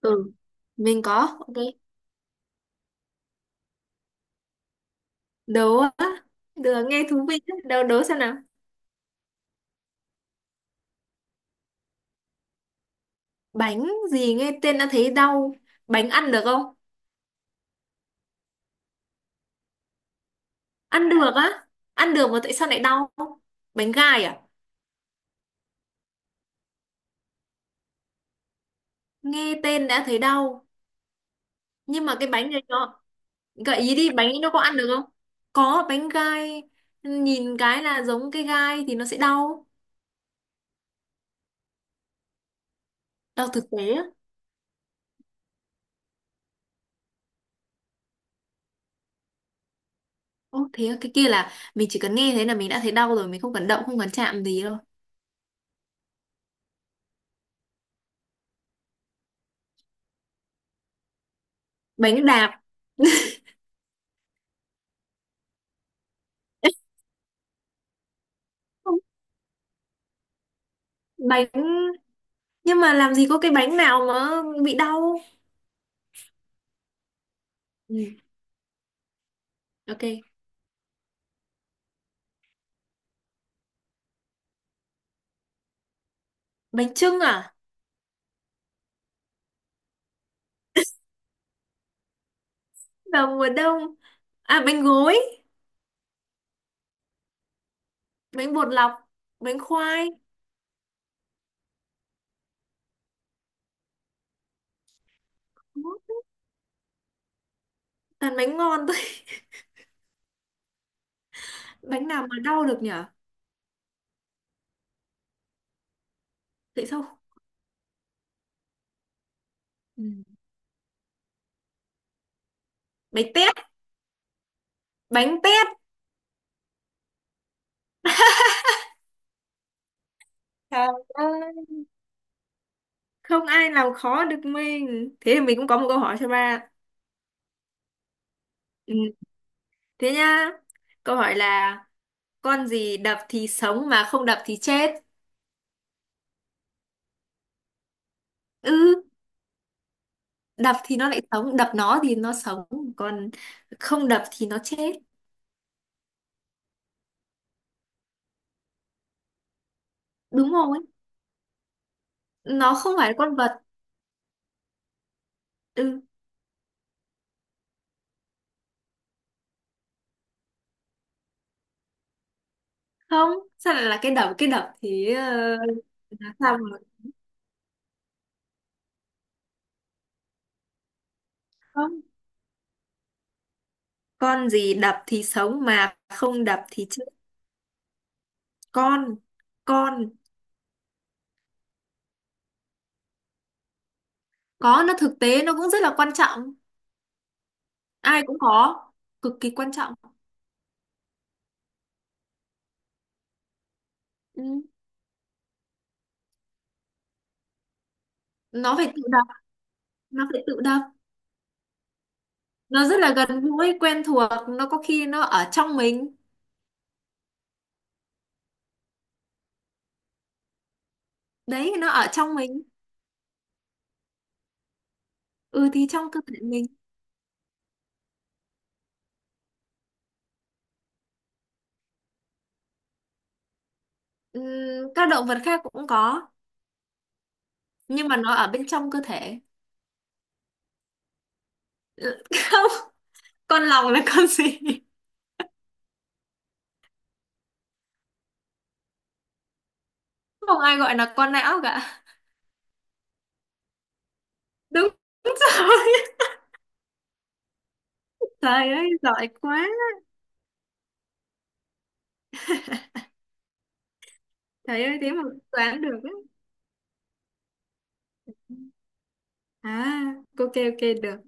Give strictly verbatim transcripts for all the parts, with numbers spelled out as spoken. Ừ, mình có. Ok. Đố á. Được, nghe thú vị. Á. Đố, đố xem nào. Bánh gì nghe tên đã thấy đau. Bánh ăn được không? Ăn được á. Ăn được mà tại sao lại đau? Bánh gai à? Nghe tên đã thấy đau. Nhưng mà cái bánh này nó... Gợi ý đi, bánh ấy nó có ăn được không? Có, bánh gai. Nhìn cái là giống cái gai thì nó sẽ đau. Đau thực tế á. Ô, thế á, cái kia là mình chỉ cần nghe thấy là mình đã thấy đau rồi. Mình không cần động, không cần chạm gì đâu. Bánh đạp. Bánh, nhưng mà làm gì có cái bánh nào mà bị đau. Ừ, ok. Bánh chưng à? Vào mùa đông. À bánh gối, bánh bột lọc, bánh khoai. Đó, toàn bánh ngon thôi. Bánh nào mà đau được nhở? Tại sao? Ừ. Bánh tét, bánh tét. Trời ơi. Không ai làm khó được mình. Thế thì mình cũng có một câu hỏi cho ba. Ừ. Thế nhá. Câu hỏi là con gì đập thì sống mà không đập thì chết? Ừ. Đập thì nó lại sống, đập nó thì nó sống, còn không đập thì nó chết. Đúng rồi, nó không phải con vật. Ừ, không. Sao lại là cái đập cái đập thì ờ, là sao mà không. Con gì đập thì sống mà không đập thì chết? Con, con. Có, nó thực tế, nó cũng rất là quan trọng, ai cũng có, cực kỳ quan trọng. Ừ. Nó phải tự đập. Nó phải tự đập. Nó rất là gần gũi quen thuộc, nó có khi nó ở trong mình. Đấy, nó ở trong mình. Ừ, thì trong cơ thể mình. Ừm, các động vật khác cũng có nhưng mà nó ở bên trong cơ thể. Không. Con lòng là con gì? Không ai gọi là con não cả. Đúng rồi. Trời ơi giỏi quá. Trời ơi thế mà cũng đoán được ấy. À, ok ok, được.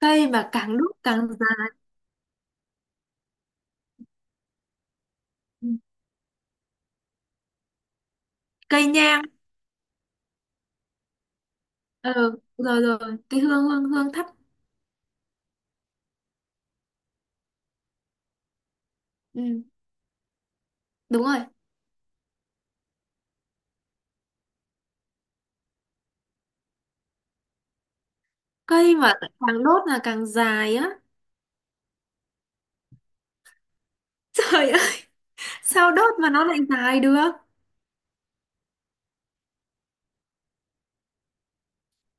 Cây mà càng đúc càng dày. Cây nhang. Ờ, rồi rồi. Cái hương, hương hương thấp. Ừ, đúng rồi. Cây mà càng đốt là càng dài á. Trời ơi, sao đốt mà nó lại dài được?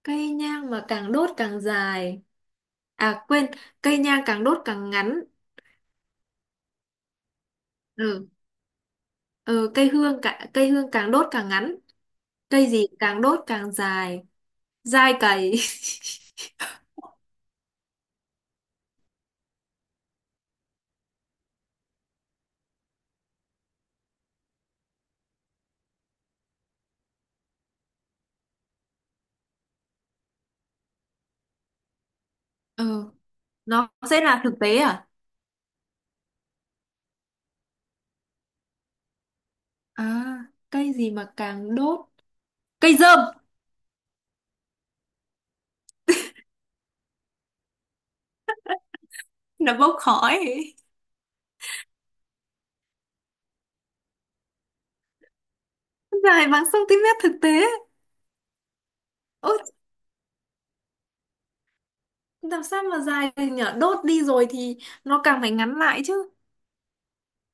Cây nhang mà càng đốt càng dài. À quên, cây nhang càng đốt càng ngắn. Ừ, ừ cây hương cả, cây hương càng đốt càng ngắn. Cây gì càng đốt càng dài. Dai cày. Ừ, nó sẽ là thực tế à? À, cây gì mà càng đốt? Cây dơm. Nó bốc khói. Dài bằng cm thực tế. Ôi, làm sao mà dài được nhở? Đốt đi rồi thì nó càng phải ngắn lại chứ.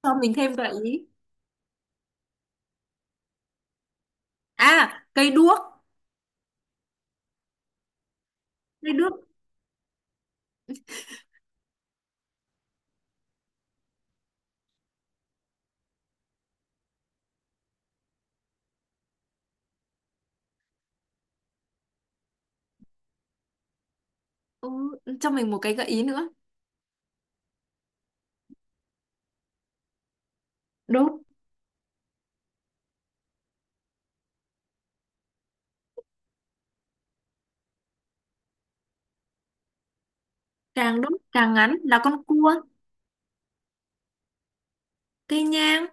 Cho mình thêm gợi ý. À, cây đuốc. Cây đuốc. Ừ, cho mình một cái gợi ý nữa. Đốt, càng đốt càng ngắn là con cua. Cây nhang.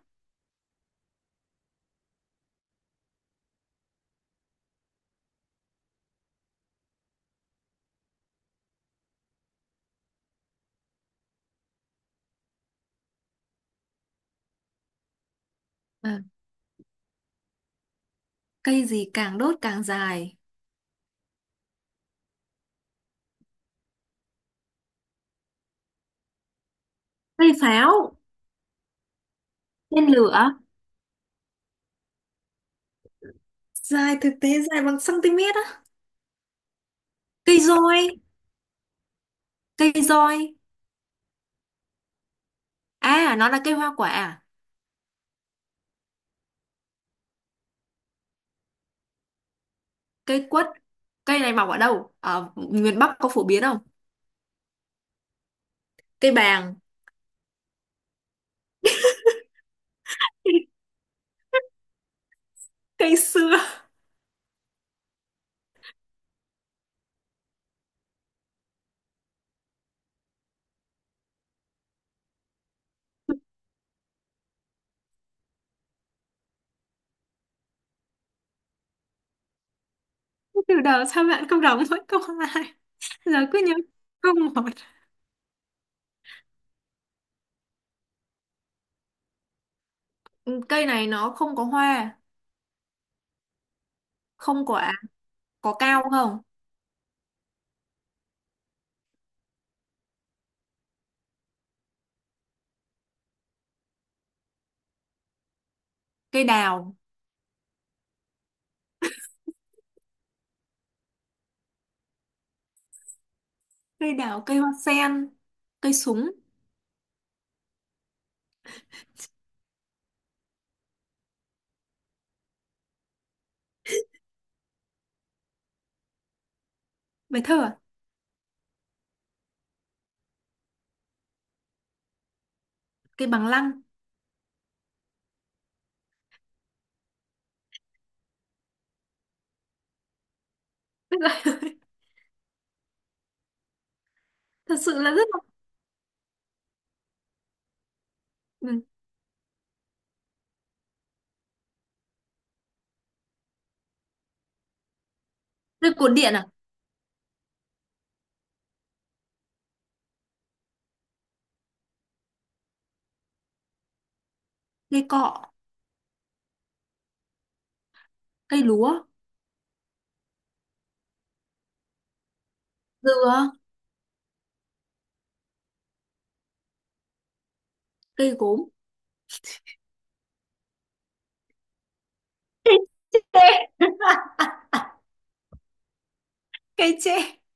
À, cây gì càng đốt càng dài? Cây pháo. Tên lửa. Dài thực tế. Dài bằng cm á. Cây roi. Cây roi. À nó là cây hoa quả à? Cây quất. Cây này mọc ở đâu, ở miền Bắc có phổ biến không? Cây bàng. Cây sưa. Từ đầu sao bạn không đọc mỗi câu hai? Giờ cứ nhớ câu một. Ừ, cây này nó không có hoa, không quả. Có cao không? Cây đào. Cây đào. Cây hoa sen. Cây súng. Bài thơ à? Cây bằng lăng. Tức là- thật sự là rất là. Ừ. Cây cột điện à? Cây cọ. Cây lúa. Dừa. Cây gốm. Ê, cây tre.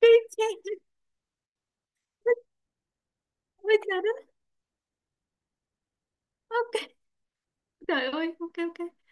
Cây tre. Ôi trời đất. Ok. Trời ơi, ok ok.